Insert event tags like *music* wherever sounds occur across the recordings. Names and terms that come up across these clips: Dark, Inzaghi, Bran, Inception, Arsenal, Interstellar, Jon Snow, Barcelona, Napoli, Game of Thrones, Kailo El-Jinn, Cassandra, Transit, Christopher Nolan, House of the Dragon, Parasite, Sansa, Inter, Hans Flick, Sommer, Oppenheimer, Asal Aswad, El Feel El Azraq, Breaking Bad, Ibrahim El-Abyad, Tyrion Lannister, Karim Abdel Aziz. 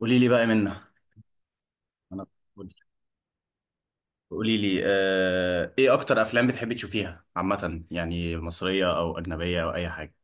قولي لي بقى منه. انا، قولي لي، ايه اكتر افلام بتحبي تشوفيها عامه؟ يعني مصريه او اجنبيه او اي حاجه.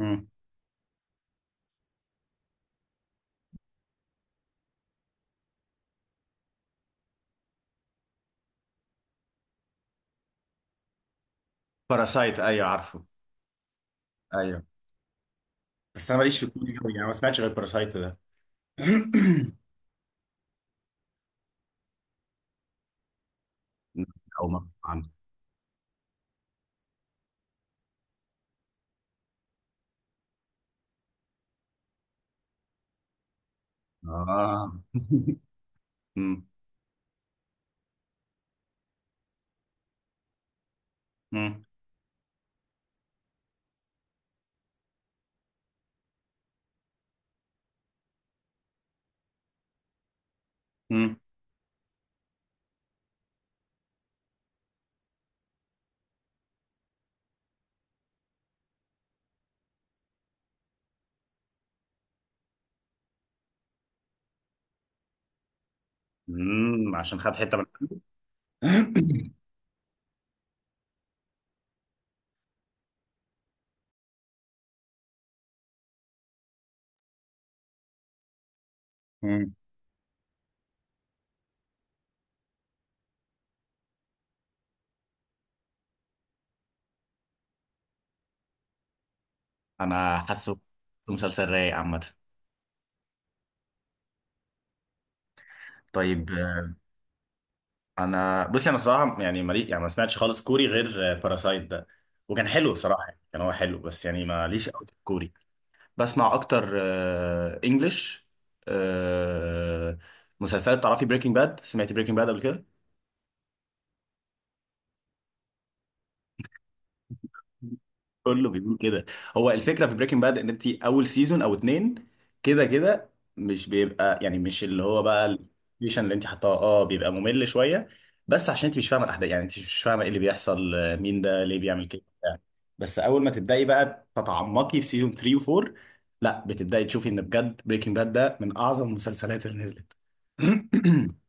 امم. باراسايت، ايوه عارفه. ايوه، بس انا ماليش في الكوري قوي يعني، ما سمعتش غير باراسايت ده. *clears throat* او ما عنه. اه *laughs* امم. امم. امم. أمم، عشان خد حته من. *clears throat* أمم، انا حاسه مسلسل رايق عامه. طيب. انا بصي، انا صراحه يعني مالي، يعني ما سمعتش خالص كوري غير باراسايت ده. وكان حلو بصراحه، يعني كان هو حلو بس يعني ماليش قوي في الكوري. بسمع اكتر انجلش مسلسلات. تعرفي بريكنج باد؟ سمعتي بريكنج باد قبل كده؟ كله بيقول كده. هو الفكره في بريكنج باد ان انت اول سيزون او اتنين كده كده مش بيبقى، يعني مش اللي هو بقى الفيشن اللي انت حطاه، بيبقى ممل شويه. بس عشان انت مش فاهمه الاحداث، يعني انت مش فاهمه ايه اللي بيحصل، مين ده، ليه بيعمل كده، بتاع. بس اول ما تبداي بقى تتعمقي في سيزون 3 و4، لا بتبداي تشوفي ان بجد بريكنج باد ده من اعظم المسلسلات اللي نزلت. *clears throat*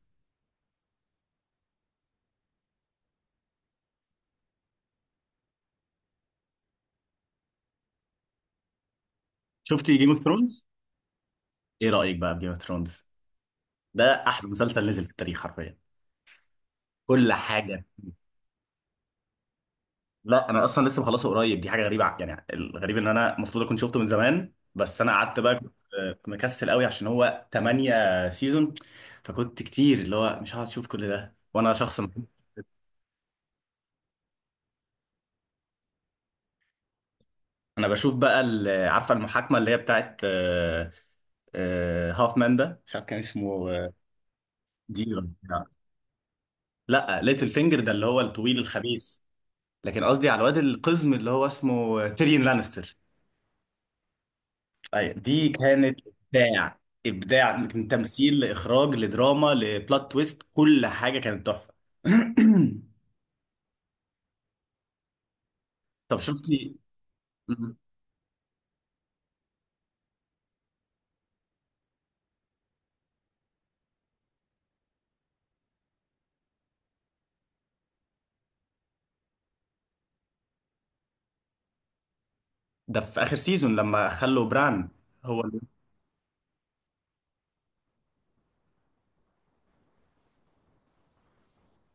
شفتي جيم اوف ثرونز؟ ايه رايك بقى في جيم اوف ثرونز؟ ده احلى مسلسل نزل في التاريخ حرفيا. كل حاجه. لا، انا اصلا لسه مخلصه قريب. دي حاجه غريبه، يعني الغريب ان انا المفروض اكون شفته من زمان، بس انا قعدت بقى، كنت مكسل قوي عشان هو 8 سيزون، فكنت كتير اللي هو مش هقعد اشوف كل ده، وانا شخص انا بشوف بقى عارفه المحاكمه اللي هي بتاعت هافمان ده، مش عارف كان اسمه دي ولا بتاع. لا ليتل فينجر ده اللي هو الطويل الخبيث. لكن قصدي على الواد القزم اللي هو اسمه تيريون لانستر. ايوه، دي كانت ابداع. ابداع من تمثيل لاخراج لدراما لبلوت تويست. كل حاجه كانت تحفه. *clears throat* طب شفتي؟ ده في اخر سيزون لما خلوا بران هو اللي-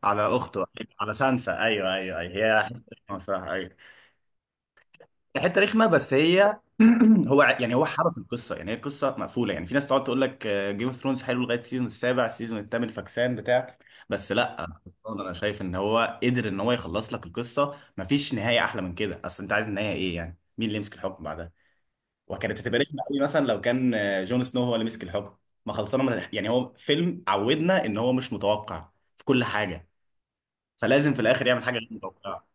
على اخته، على سانسا. ايوه، ايوه، ايوه، هي حته صراحه، حته رخمه، بس هي. *clears throat* هو يعني هو حبك القصه، يعني هي قصه مقفوله. يعني في ناس تقعد تقول لك جيم اوف ثرونز حلو لغايه السيزون السابع، السيزون الثامن فكسان بتاع. بس لا، انا شايف ان هو قدر ان هو يخلص لك القصه. مفيش نهايه احلى من كده. اصل انت عايز النهايه ايه؟ يعني مين اللي يمسك الحكم بعدها؟ وكانت هتبقى رخمه قوي مثلا لو كان جون سنو هو اللي مسك الحكم. ما خلصنا من الح- يعني هو فيلم عودنا ان هو مش متوقع في كل حاجه، فلازم في الاخر يعمل حاجه غير متوقعه.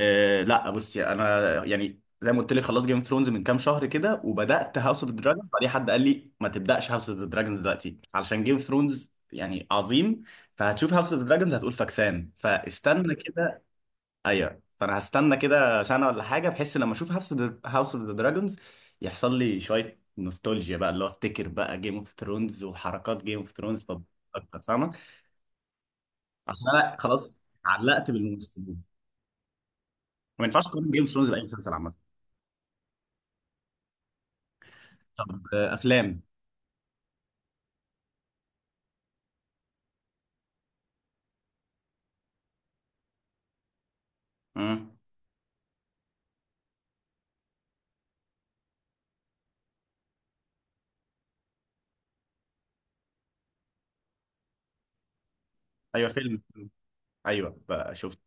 آه لا بصي، انا يعني زي ما قلت لك خلاص جيم اوف ثرونز من كام شهر كده، وبدات هاوس اوف دراجونز. بعدين حد قال لي ما تبداش هاوس اوف دراجونز دلوقتي علشان جيم اوف ثرونز يعني عظيم، فهتشوف هاوس اوف دراجونز هتقول فاكسان. فاستنى كده. ايوه فانا هستنى كده سنه ولا حاجه، بحس لما اشوف هاوس اوف دراجونز يحصل لي شويه نوستالجيا بقى، اللي هو افتكر بقى جيم اوف ثرونز وحركات جيم اوف ثرونز. طب اكتر فاهمه. عشان انا خلاص علقت بالممثلين، ما ينفعش اقارن جيم اوف ثرونز باي مسلسل عامه. طب افلام. امم. ايوه فيلم. ايوه بقى شفت.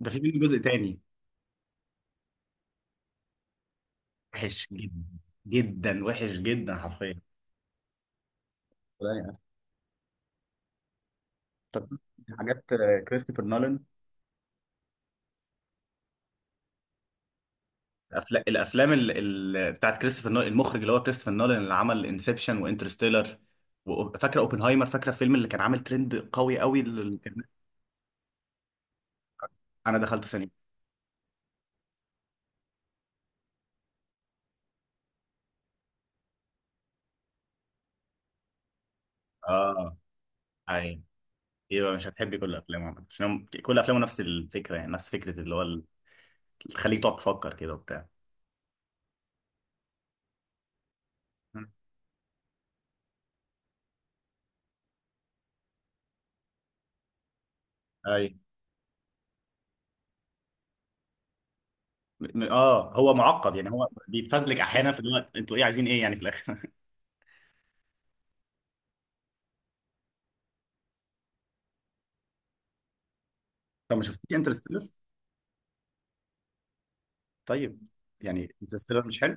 ده في منه جزء تاني وحش جدا. جدا وحش جدا حرفيا يعني. طب حاجات كريستوفر نولان. الافلام، بتاعت كريستوفر نولان، المخرج اللي هو كريستوفر نولان اللي عمل انسبشن وانترستيلر، وفاكره اوبنهايمر، فاكره الفيلم اللي كان عامل ترند قوي قوي، اللي كان انا دخلت سينما. اه، ايوه، يبقى مش هتحبي كل افلامه عشان كل افلامه نفس الفكره، يعني نفس فكره اللي هو تخليك تقعد تفكر كده وبتاع. اي. اه هو معقد يعني. هو بيتفزلك احيانا في الوقت. انتوا ايه عايزين؟ ايه يعني في الاخر. *laughs* طب ما شفتيش انترستيلر؟ طيب، يعني انترستيلر مش حلو؟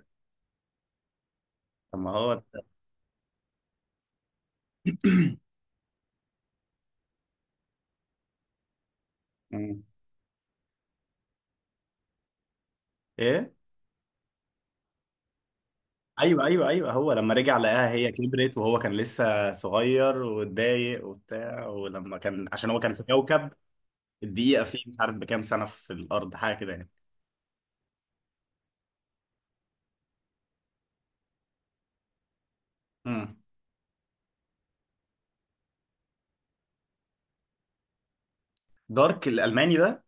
طب ما هو. مم. ايه. ايوه ايوه ايوه، هو لما رجع لقاها هي كبرت وهو كان لسه صغير واتضايق وبتاع، ولما كان عشان هو كان في كوكب الدقيقه فيه مش عارف بكام سنه في الارض، حاجه كده يعني. مم. دارك الالماني ده؟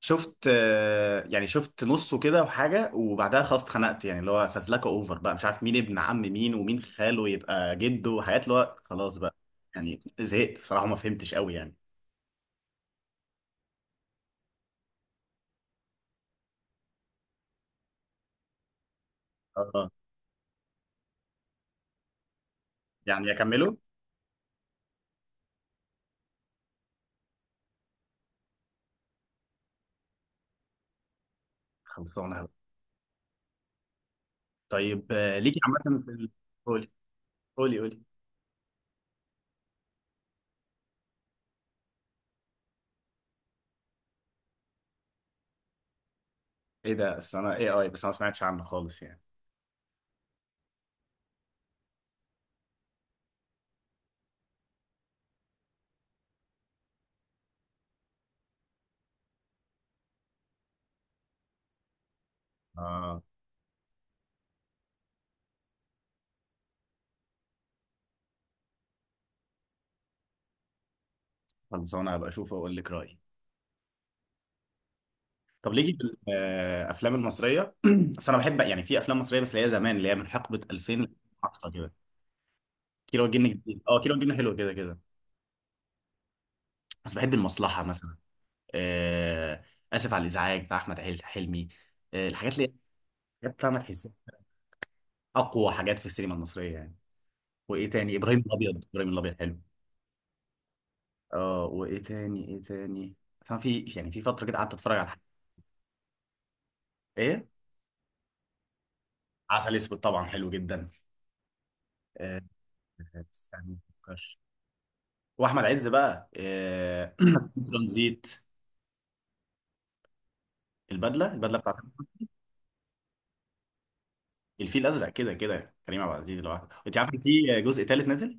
شفت يعني شفت نصه كده وحاجة، وبعدها خلاص اتخنقت يعني. اللي هو فزلكة اوفر بقى، مش عارف مين ابن عم مين ومين خاله يبقى جده، وحاجات اللي هو خلاص بقى. يعني زهقت بصراحة، ما فهمتش قوي يعني. اه يعني اكمله. خلصانة. طيب ليكي عامة في *laughs* قولي. قولي ايه ده؟ اصل انا اي اي، بس انا ما سمعتش عنه خالص يعني. اه خلصانة، هبقى اشوفه واقول لك رأيي. طب ليكي في الافلام المصرية؟ *clears throat* بس انا بحب يعني في افلام مصرية بس اللي هي زمان، اللي هي من حقبة 2010 كده. كيلو الجن جديد. اه كيلو الجن حلو كده كده. بس بحب المصلحه مثلا. آه اسف على الازعاج بتاع احمد حلمي. آه الحاجات اللي حاجات فاهمه تحسها، اقوى حاجات في السينما المصريه يعني. وايه تاني؟ ابراهيم الابيض. ابراهيم الابيض حلو. اه، وايه تاني؟ ايه تاني؟ فاهم في يعني في فتره كده قعدت اتفرج على حاجات. ايه؟ عسل اسود طبعا حلو جدا. آه استنى مفكرش. واحمد عز بقى آه، *clears throat* ترانزيت. البدله، بتاعته. الفيل الازرق كده كده. كريم عبد العزيز لوحده. انت عارف إن في جزء ثالث نازل؟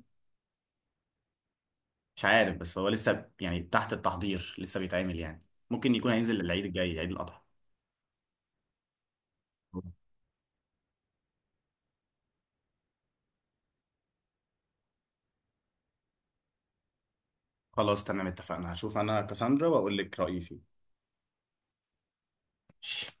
مش عارف بس هو لسه يعني تحت التحضير، لسه بيتعمل يعني، ممكن يكون هينزل العيد الجاي، عيد الأضحى. خلاص تمام اتفقنا. هشوف انا كاساندرا واقول لك رأيي فيه.